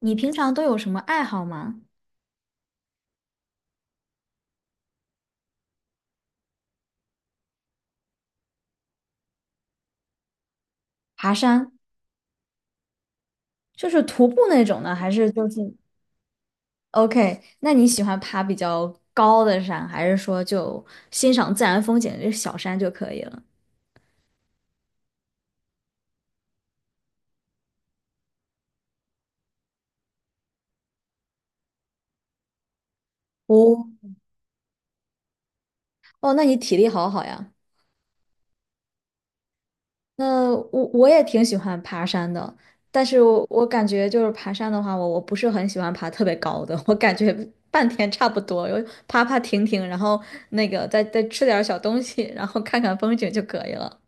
你平常都有什么爱好吗？爬山，就是徒步那种呢，还是就是 OK？那你喜欢爬比较高的山，还是说就欣赏自然风景，就小山就可以了？哦哦，那你体力好好呀。那我也挺喜欢爬山的，但是我感觉就是爬山的话，我不是很喜欢爬特别高的，我感觉半天差不多，有爬爬停停，然后那个再吃点儿小东西，然后看看风景就可以了。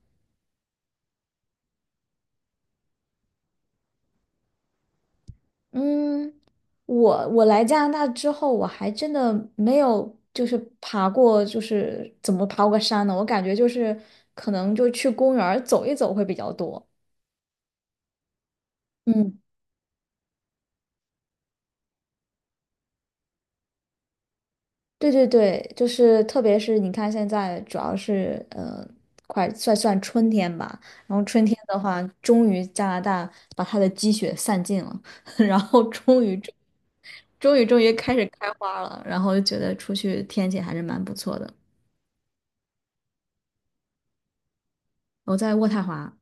嗯，我来加拿大之后，我还真的没有就是爬过，就是怎么爬过山呢？我感觉就是可能就去公园儿走一走会比较多。嗯，对对对，就是特别是你看现在主要是快算算春天吧，然后春天的话，终于加拿大把它的积雪散尽了，然后终于开始开花了，然后就觉得出去天气还是蛮不错的。我在渥太华。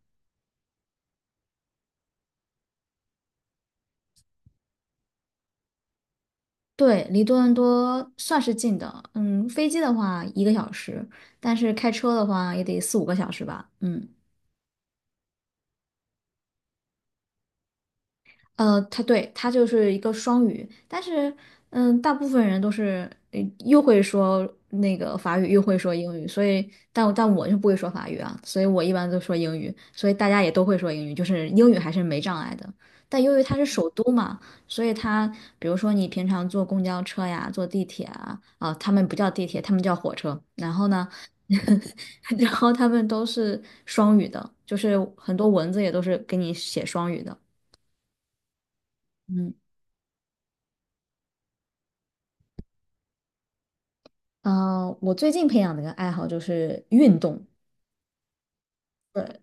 对，离多伦多算是近的，飞机的话1个小时，但是开车的话也得4、5个小时吧，嗯。他就是一个双语，但是大部分人都是又会说那个法语，又会说英语，所以但我就不会说法语啊，所以我一般都说英语，所以大家也都会说英语，就是英语还是没障碍的。但由于它是首都嘛，所以它比如说你平常坐公交车呀，坐地铁啊，他们不叫地铁，他们叫火车。然后呢，然后他们都是双语的，就是很多文字也都是给你写双语的。嗯。嗯，我最近培养的一个爱好就是运动。对，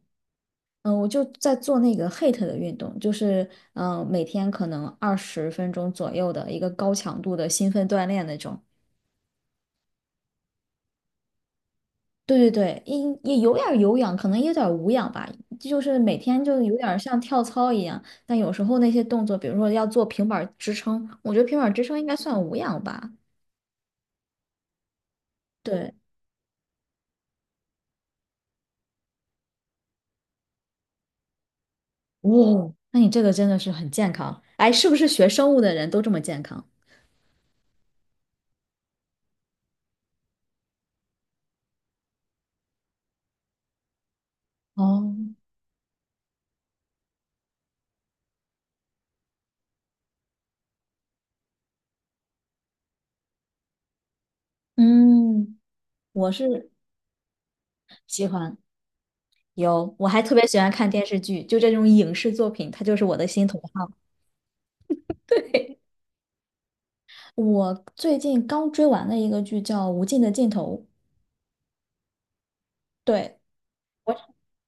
嗯，我就在做那个 HIIT 的运动，就是每天可能20分钟左右的一个高强度的兴奋锻炼那种。对对对，也有点儿有氧，可能也有点儿无氧吧，就是每天就有点儿像跳操一样。但有时候那些动作，比如说要做平板儿支撑，我觉得平板儿支撑应该算无氧吧。对，哦，那你这个真的是很健康。哎，是不是学生物的人都这么健康？哦，嗯。我是喜欢，有，我还特别喜欢看电视剧，就这种影视作品，它就是我的心头好。对，我最近刚追完了一个剧叫《无尽的尽头》，对，国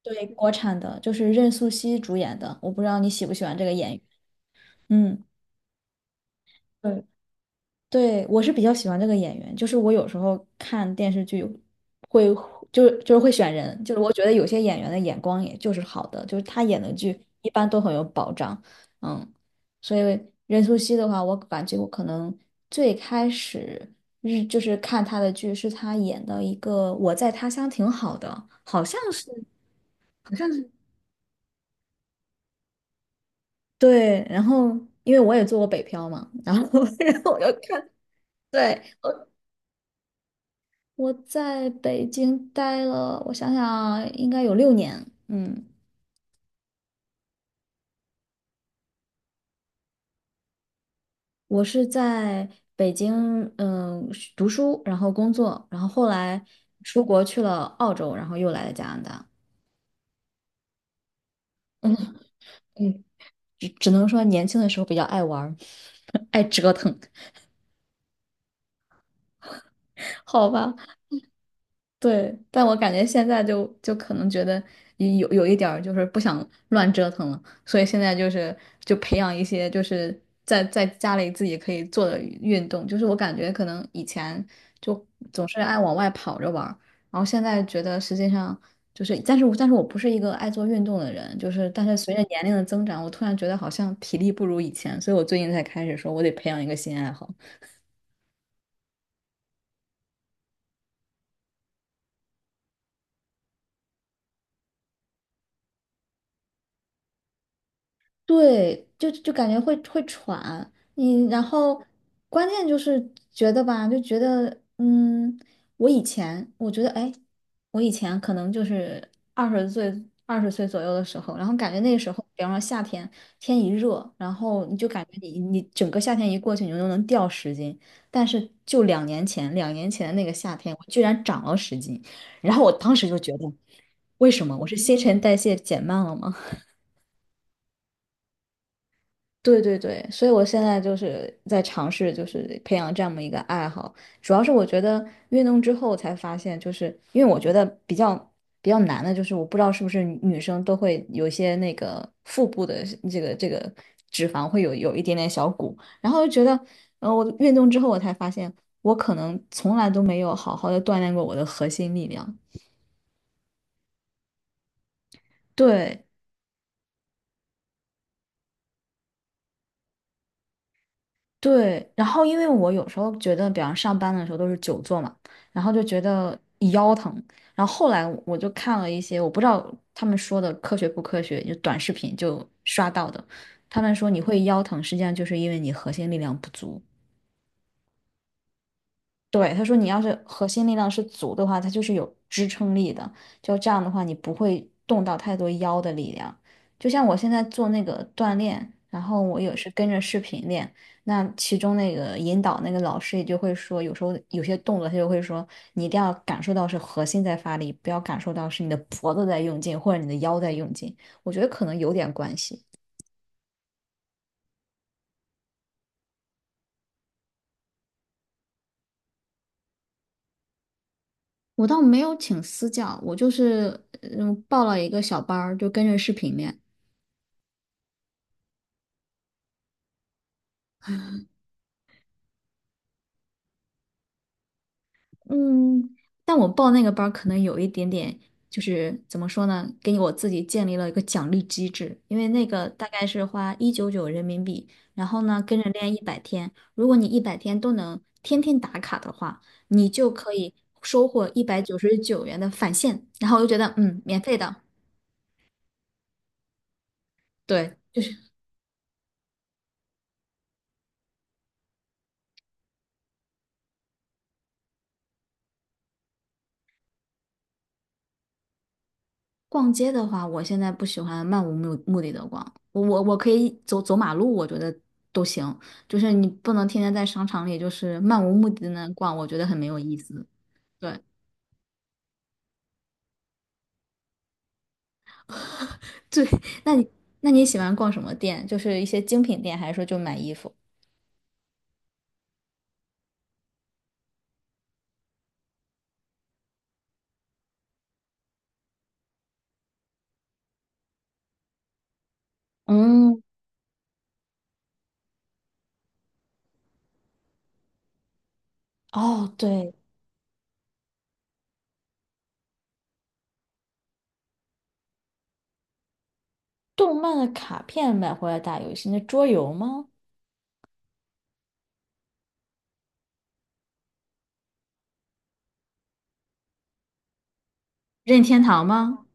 对国产的，就是任素汐主演的，我不知道你喜不喜欢这个演员。嗯，对对，我是比较喜欢这个演员，就是我有时候看电视剧会，就是会选人，就是我觉得有些演员的眼光也就是好的，就是他演的剧一般都很有保障，嗯，所以任素汐的话，我感觉我可能最开始就是看她的剧是她演的一个《我在他乡挺好的》，好像是，好像是对，然后因为我也做过北漂嘛，然后 然后我就看。对，我在北京待了，我想想，应该有6年。嗯，我是在北京，是读书，然后工作，然后后来出国去了澳洲，然后又来了加拿大。嗯嗯，只能说年轻的时候比较爱玩儿，爱折腾，好吧。对，但我感觉现在就可能觉得有一点儿就是不想乱折腾了，所以现在就是培养一些就是在家里自己可以做的运动，就是我感觉可能以前就总是爱往外跑着玩儿，然后现在觉得实际上但是我不是一个爱做运动的人，就是但是随着年龄的增长，我突然觉得好像体力不如以前，所以我最近才开始说我得培养一个新爱好。对，就感觉会喘，然后关键就是觉得吧，就觉得我以前我觉得哎，我以前可能就是二十岁左右的时候，然后感觉那个时候，比方说夏天天一热，然后你就感觉你整个夏天一过去，你就能掉十斤，但是就两年前的那个夏天，我居然长了十斤，然后我当时就觉得，为什么我是新陈代谢减慢了吗？对对对，所以我现在就是在尝试，就是培养这么一个爱好。主要是我觉得运动之后才发现，就是因为我觉得比较难的，就是我不知道是不是女生都会有一些那个腹部的这个脂肪会有一点点小鼓，然后就觉得，我运动之后我才发现，我可能从来都没有好好的锻炼过我的核心力量。对，对，然后因为我有时候觉得，比方上班的时候都是久坐嘛，然后就觉得腰疼。然后后来我就看了一些，我不知道他们说的科学不科学，就短视频就刷到的，他们说你会腰疼，实际上就是因为你核心力量不足。对，他说你要是核心力量是足的话，它就是有支撑力的。就这样的话，你不会动到太多腰的力量。就像我现在做那个锻炼，然后我也是跟着视频练，那其中那个引导那个老师也就会说，有时候有些动作他就会说，你一定要感受到是核心在发力，不要感受到是你的脖子在用劲或者你的腰在用劲。我觉得可能有点关系。我倒没有请私教，我就是报了一个小班儿，就跟着视频练。嗯，但我报那个班儿可能有一点点，就是怎么说呢，给我自己建立了一个奖励机制，因为那个大概是花199人民币，然后呢跟着练一百天，如果你一百天都能天天打卡的话，你就可以收获199元的返现，然后我就觉得免费的，对。逛街的话，我现在不喜欢漫无目的的逛，我可以走走马路，我觉得都行，就是你不能天天在商场里就是漫无目的的那逛，我觉得很没有意思。对对，那你那你喜欢逛什么店？就是一些精品店，还是说就买衣服？嗯，哦，对，动漫的卡片买回来打游戏，那桌游吗？任天堂吗？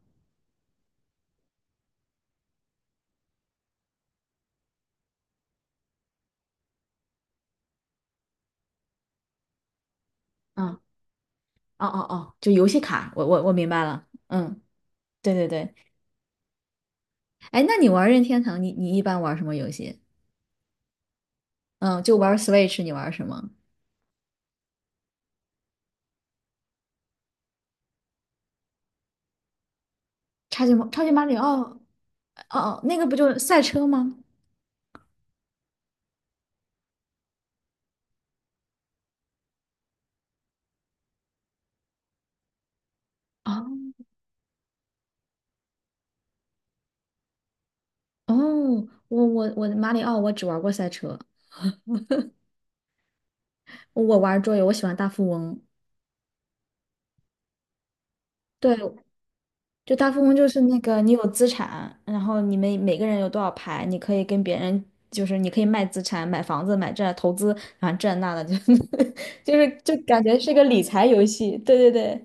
嗯，哦哦哦，就游戏卡，我明白了。嗯，对对对。哎，那你玩任天堂，你一般玩什么游戏？嗯，就玩 Switch，你玩什么？超级马里奥，哦哦，那个不就是赛车吗？哦哦，我马里奥我只玩过赛车，我玩桌游，我喜欢大富翁。对，就大富翁就是那个你有资产，然后你们每个人有多少牌，你可以跟别人你可以卖资产、买房子、买这投资，然后这那的，就 就感觉是个理财游戏。对对对。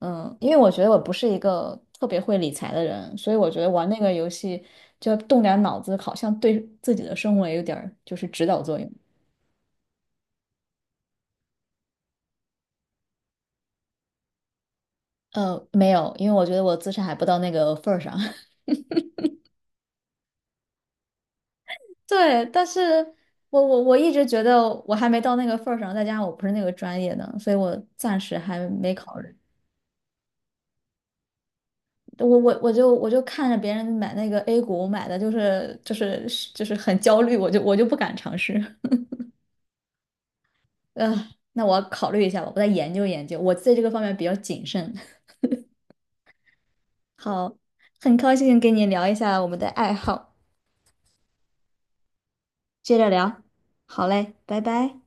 嗯，因为我觉得我不是一个特别会理财的人，所以我觉得玩那个游戏就要动点脑子，好像对自己的生活也有点儿就是指导作用。没有，因为我觉得我资产还不到那个份儿上。对，但是我一直觉得我还没到那个份儿上，再加上我不是那个专业的，所以我暂时还没考虑。我就看着别人买那个 A 股买的，就是很焦虑，我就不敢尝试。嗯，那我要考虑一下吧，我再研究研究。我在这个方面比较谨慎。好，很高兴跟你聊一下我们的爱好，接着聊。好嘞，拜拜。